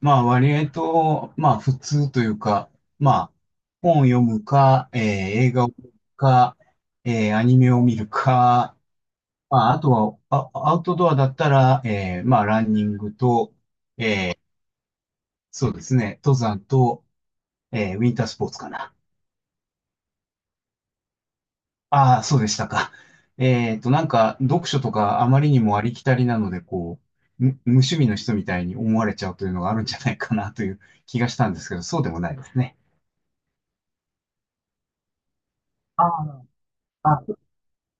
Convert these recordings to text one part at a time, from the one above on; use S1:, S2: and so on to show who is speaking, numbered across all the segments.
S1: まあ割と、まあ普通というか、まあ本を読むか、映画を見るか、アニメを見るか、まああとはアウトドアだったら、まあランニングと、そうですね、登山と、ウィンタースポーツかな。ああ、そうでしたか。なんか読書とかあまりにもありきたりなので、こう、無趣味の人みたいに思われちゃうというのがあるんじゃないかなという気がしたんですけど、そうでもないですね。ああ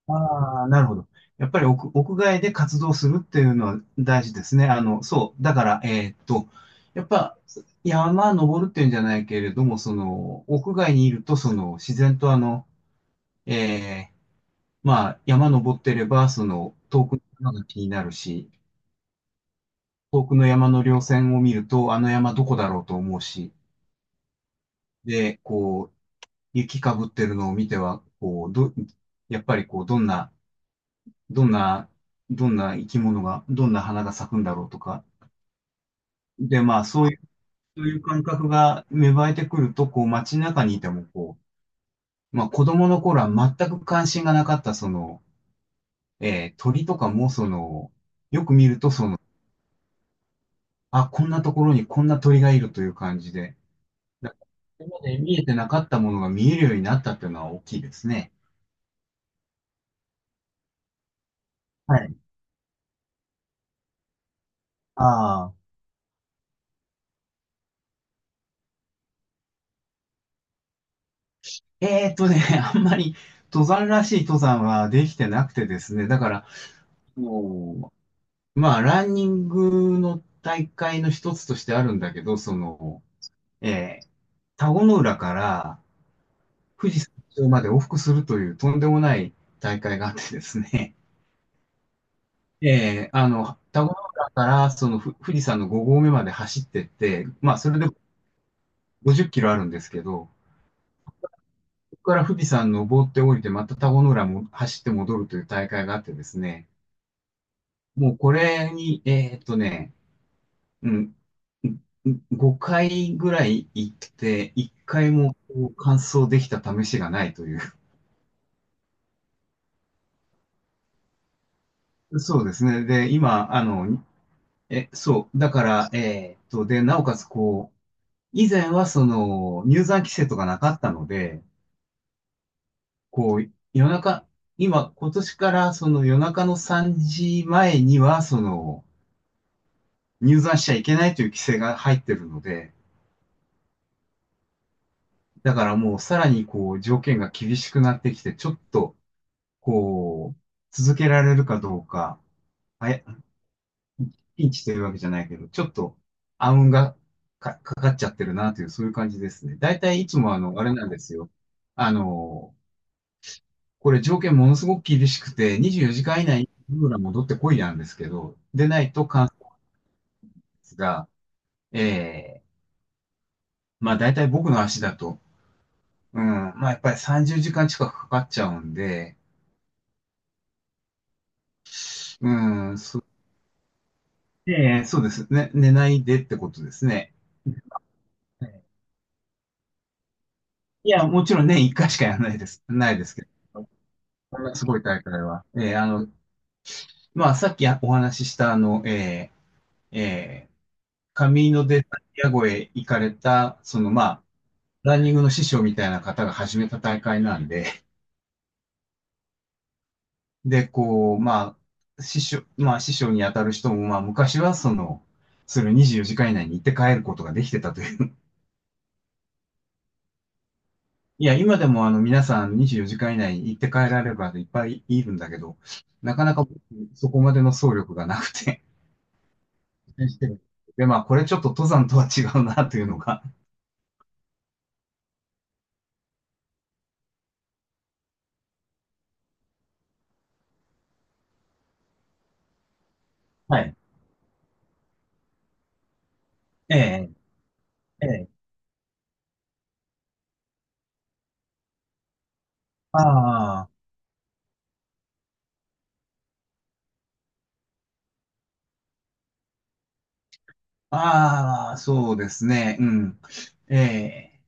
S1: ああ、なるほど。やっぱり屋外で活動するっていうのは大事ですね。あの、そう。だから、やっぱ、山登るっていうんじゃないけれども、その、屋外にいると、その、自然とあの、えー、まあ、山登ってれば、その、遠くの山が気になるし、遠くの山の稜線を見ると、あの山どこだろうと思うし、で、こう、雪かぶってるのを見ては、こう、やっぱりこう、どんな、どんな生き物が、どんな花が咲くんだろうとか。で、まあ、そういう、そういう感覚が芽生えてくると、こう、街中にいても、こう、まあ、子供の頃は全く関心がなかった、その、鳥とかも、その、よく見ると、こんなところにこんな鳥がいるという感じで、これまで見えてなかったものが見えるようになったっていうのは大きいですね。はい。ああ、えーっとね、あんまり登山らしい登山はできてなくてですね、だから、もう、まあ、ランニングの大会の一つとしてあるんだけど、その、えー田子の浦から富士山頂まで往復するというとんでもない大会があってですね、あの、田子の浦からその富士山の5合目まで走ってって、まあ、それで50キロあるんですけど、そこから富士山登って降りて、また田子の浦も走って戻るという大会があってですね、もうこれに、うん、5回ぐらい行って、1回もこう完走できた試しがないという。そうですね。で、今、あの、そう。だから、で、なおかつ、こう、以前はその、入山規制とかなかったので、こう、夜中、今年からその夜中の3時前には、その、入山しちゃいけないという規制が入ってるので、だからもうさらにこう、条件が厳しくなってきて、ちょっと、こう、続けられるかどうか、あや、ピンチというわけじゃないけど、ちょっと暗雲がかかっちゃってるなという、そういう感じですね。大体いつもあの、あれなんですよ。あの、これ条件ものすごく厳しくて、24時間以内にルーラ戻ってこいなんですけど、でないと関節が、ええまあ大体僕の足だと、うん、まあやっぱり30時間近くかかっちゃうんで、うん、ええそうですね。寝ないでってことですね。いや、もちろん年1回しかやらないです。ないですけど。こんなすごい大会は。あの、まあ、さっきお話しした、あの、ーえーカミーノ・デ・サンティアゴへ行かれた、その、まあ、ランニングの師匠みたいな方が始めた大会なんで、で、こう、まあ、師匠に当たる人も、まあ、昔は、その、それを24時間以内に行って帰ることができてたという。いや、今でもあの皆さん24時間以内に行って帰られればいっぱいいるんだけど、なかなか僕そこまでの走力がなくて。で、まあ、これちょっと登山とは違うなというのが。はい。ええ、ええ。ああ、ああ、そうですね。うん。ええ、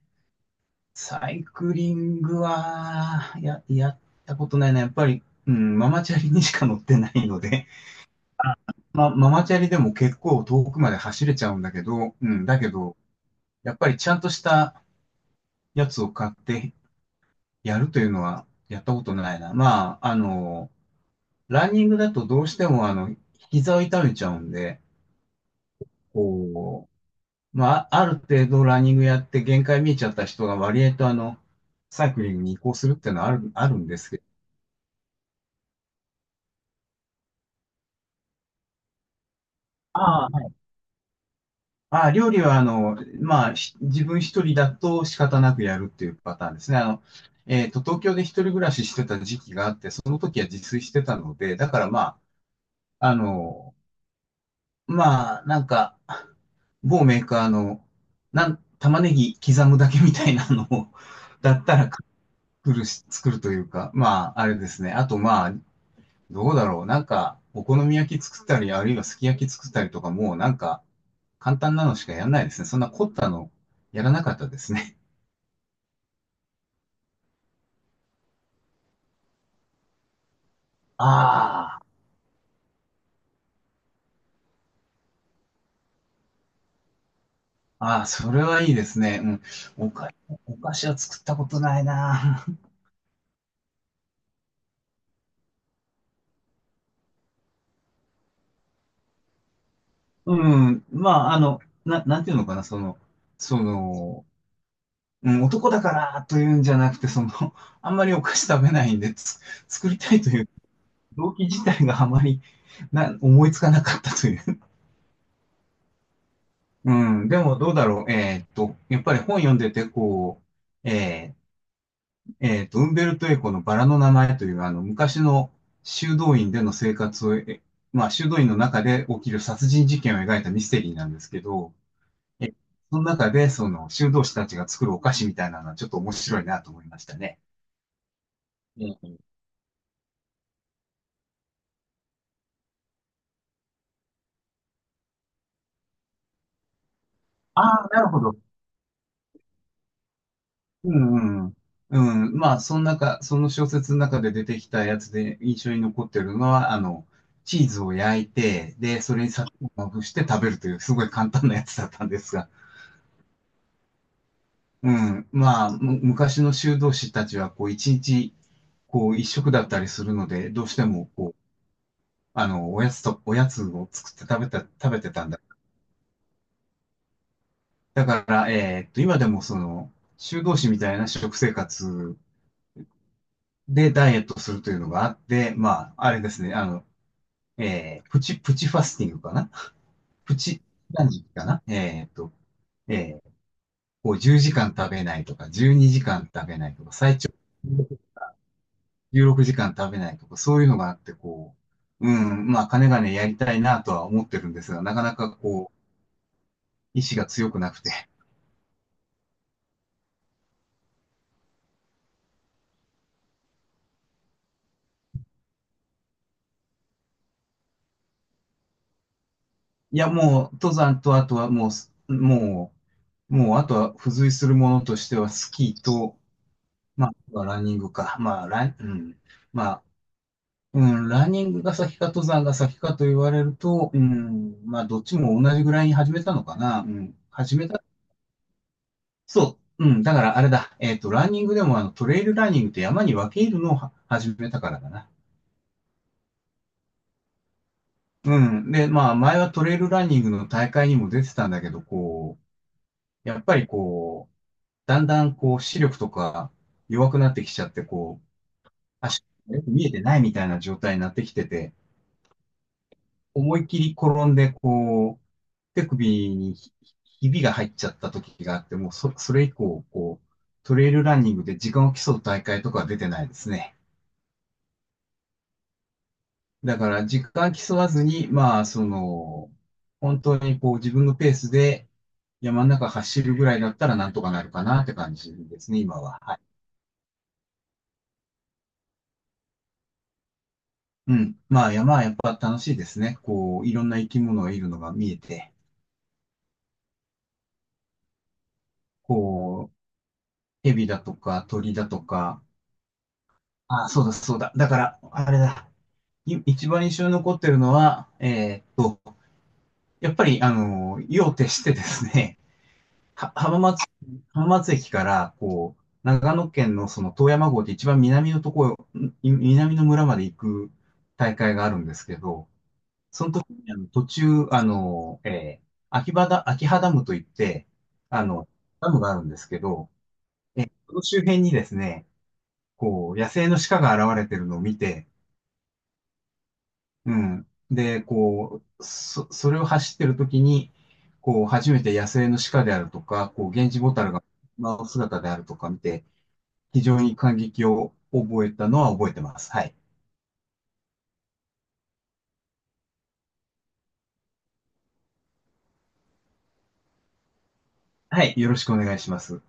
S1: サイクリングは、やったことないな。やっぱり、うん、ママチャリにしか乗ってないので。あママチャリでも結構遠くまで走れちゃうんだけど、うん、だけど、やっぱりちゃんとしたやつを買ってやるというのはやったことないな。まあ、あの、ランニングだとどうしてもあの、膝を痛めちゃうんで、こう、まあ、ある程度ランニングやって限界見えちゃった人が割合とあの、サイクリングに移行するっていうのはあるんですけど、ああ、はい。ああ、料理はあの、まあ、自分一人だと仕方なくやるっていうパターンですね。あの、東京で一人暮らししてた時期があって、その時は自炊してたので、だからまあ、あの、まあ、なんか、某メーカーの、玉ねぎ刻むだけみたいなのを だったら作るし、作るというか、まあ、あれですね。あと、まあ、どうだろう。なんか、お好み焼き作ったり、あるいはすき焼き作ったりとか、もうなんか、簡単なのしかやんないですね。そんな凝ったの、やらなかったですね。ああ、ああ、それはいいですね。うん。お菓子は作ったことないな。うん。まあ、あの、なんていうのかな、その、うん、男だからというんじゃなくて、その、あんまりお菓子食べないんで、作りたいという動機自体があまり思いつかなかったという。うん、でもどうだろう。やっぱり本読んでて、こう、ウンベルト・エコのバラの名前という、あの、昔の修道院での生活を、まあ、修道院の中で起きる殺人事件を描いたミステリーなんですけど、えその中で、その、修道士たちが作るお菓子みたいなのはちょっと面白いなと思いましたね。えーああ、なるほど。うんうん。うん、まあ、その中、その小説の中で出てきたやつで印象に残ってるのは、あの、チーズを焼いて、で、それに砂糖をまぶして食べるという、すごい簡単なやつだったんですが、うん、まあ、昔の修道士たちは、こう、一日、こう、一食だったりするので、どうしても、こう、あの、おやつを作って食べてたんだ。だから、今でもその、修道士みたいな食生活でダイエットするというのがあって、まあ、あれですね、あの、プチファスティングかな。プチ、何時かな。えー、こう10時間食べないとか、12時間食べないとか、最長16時間食べないとか、そういうのがあって、こう、うん、まあ、金がね、やりたいなとは思ってるんですが、なかなかこう、意志が強くなくて。いや、もう、登山と、あとはもう、もう、もう、あとは付随するものとしては、スキーと、まあ、ランニングか。まあ、うん。まあ、うん、ランニングが先か登山が先かと言われると、うん、まあ、どっちも同じぐらいに始めたのかな。うん、始めた、そう、うん、だからあれだ、ランニングでもあの、トレイルランニングって山に分け入るのをは始めたからだな。うん、で、まあ、前はトレイルランニングの大会にも出てたんだけど、こう、やっぱりこう、だんだんこう、視力とか弱くなってきちゃって、こう、足、よく見えてないみたいな状態になってきてて、思いっきり転んで、こう、手首にひびが入っちゃった時があって、もうそれ以降、こう、トレイルランニングで時間を競う大会とかは出てないですね。だから、時間競わずに、まあ、その、本当にこう自分のペースで山の中走るぐらいだったらなんとかなるかなって感じですね、今は。はい。うん。まあ山はやっぱ楽しいですね。こう、いろんな生き物がいるのが見えて、こう、蛇だとか鳥だとか、あ、そうだ、そうだ。だから、あれだ。一番印象に残ってるのは、やっぱり、あの、夜を徹してですね、は浜松、浜松駅から、こう、長野県のその遠山郷って一番南のところ、南の村まで行く大会があるんですけど、あの途中、あの、秋葉ダムといって、あの、ダムがあるんですけど、その周辺にですね、こう、野生の鹿が現れてるのを見て、うん。で、こう、それを走ってる時に、こう、初めて野生の鹿であるとか、こう、ゲンジボタルが、まあ、姿であるとか見て、非常に感激を覚えたのは覚えてます。はい。はい。よろしくお願いします。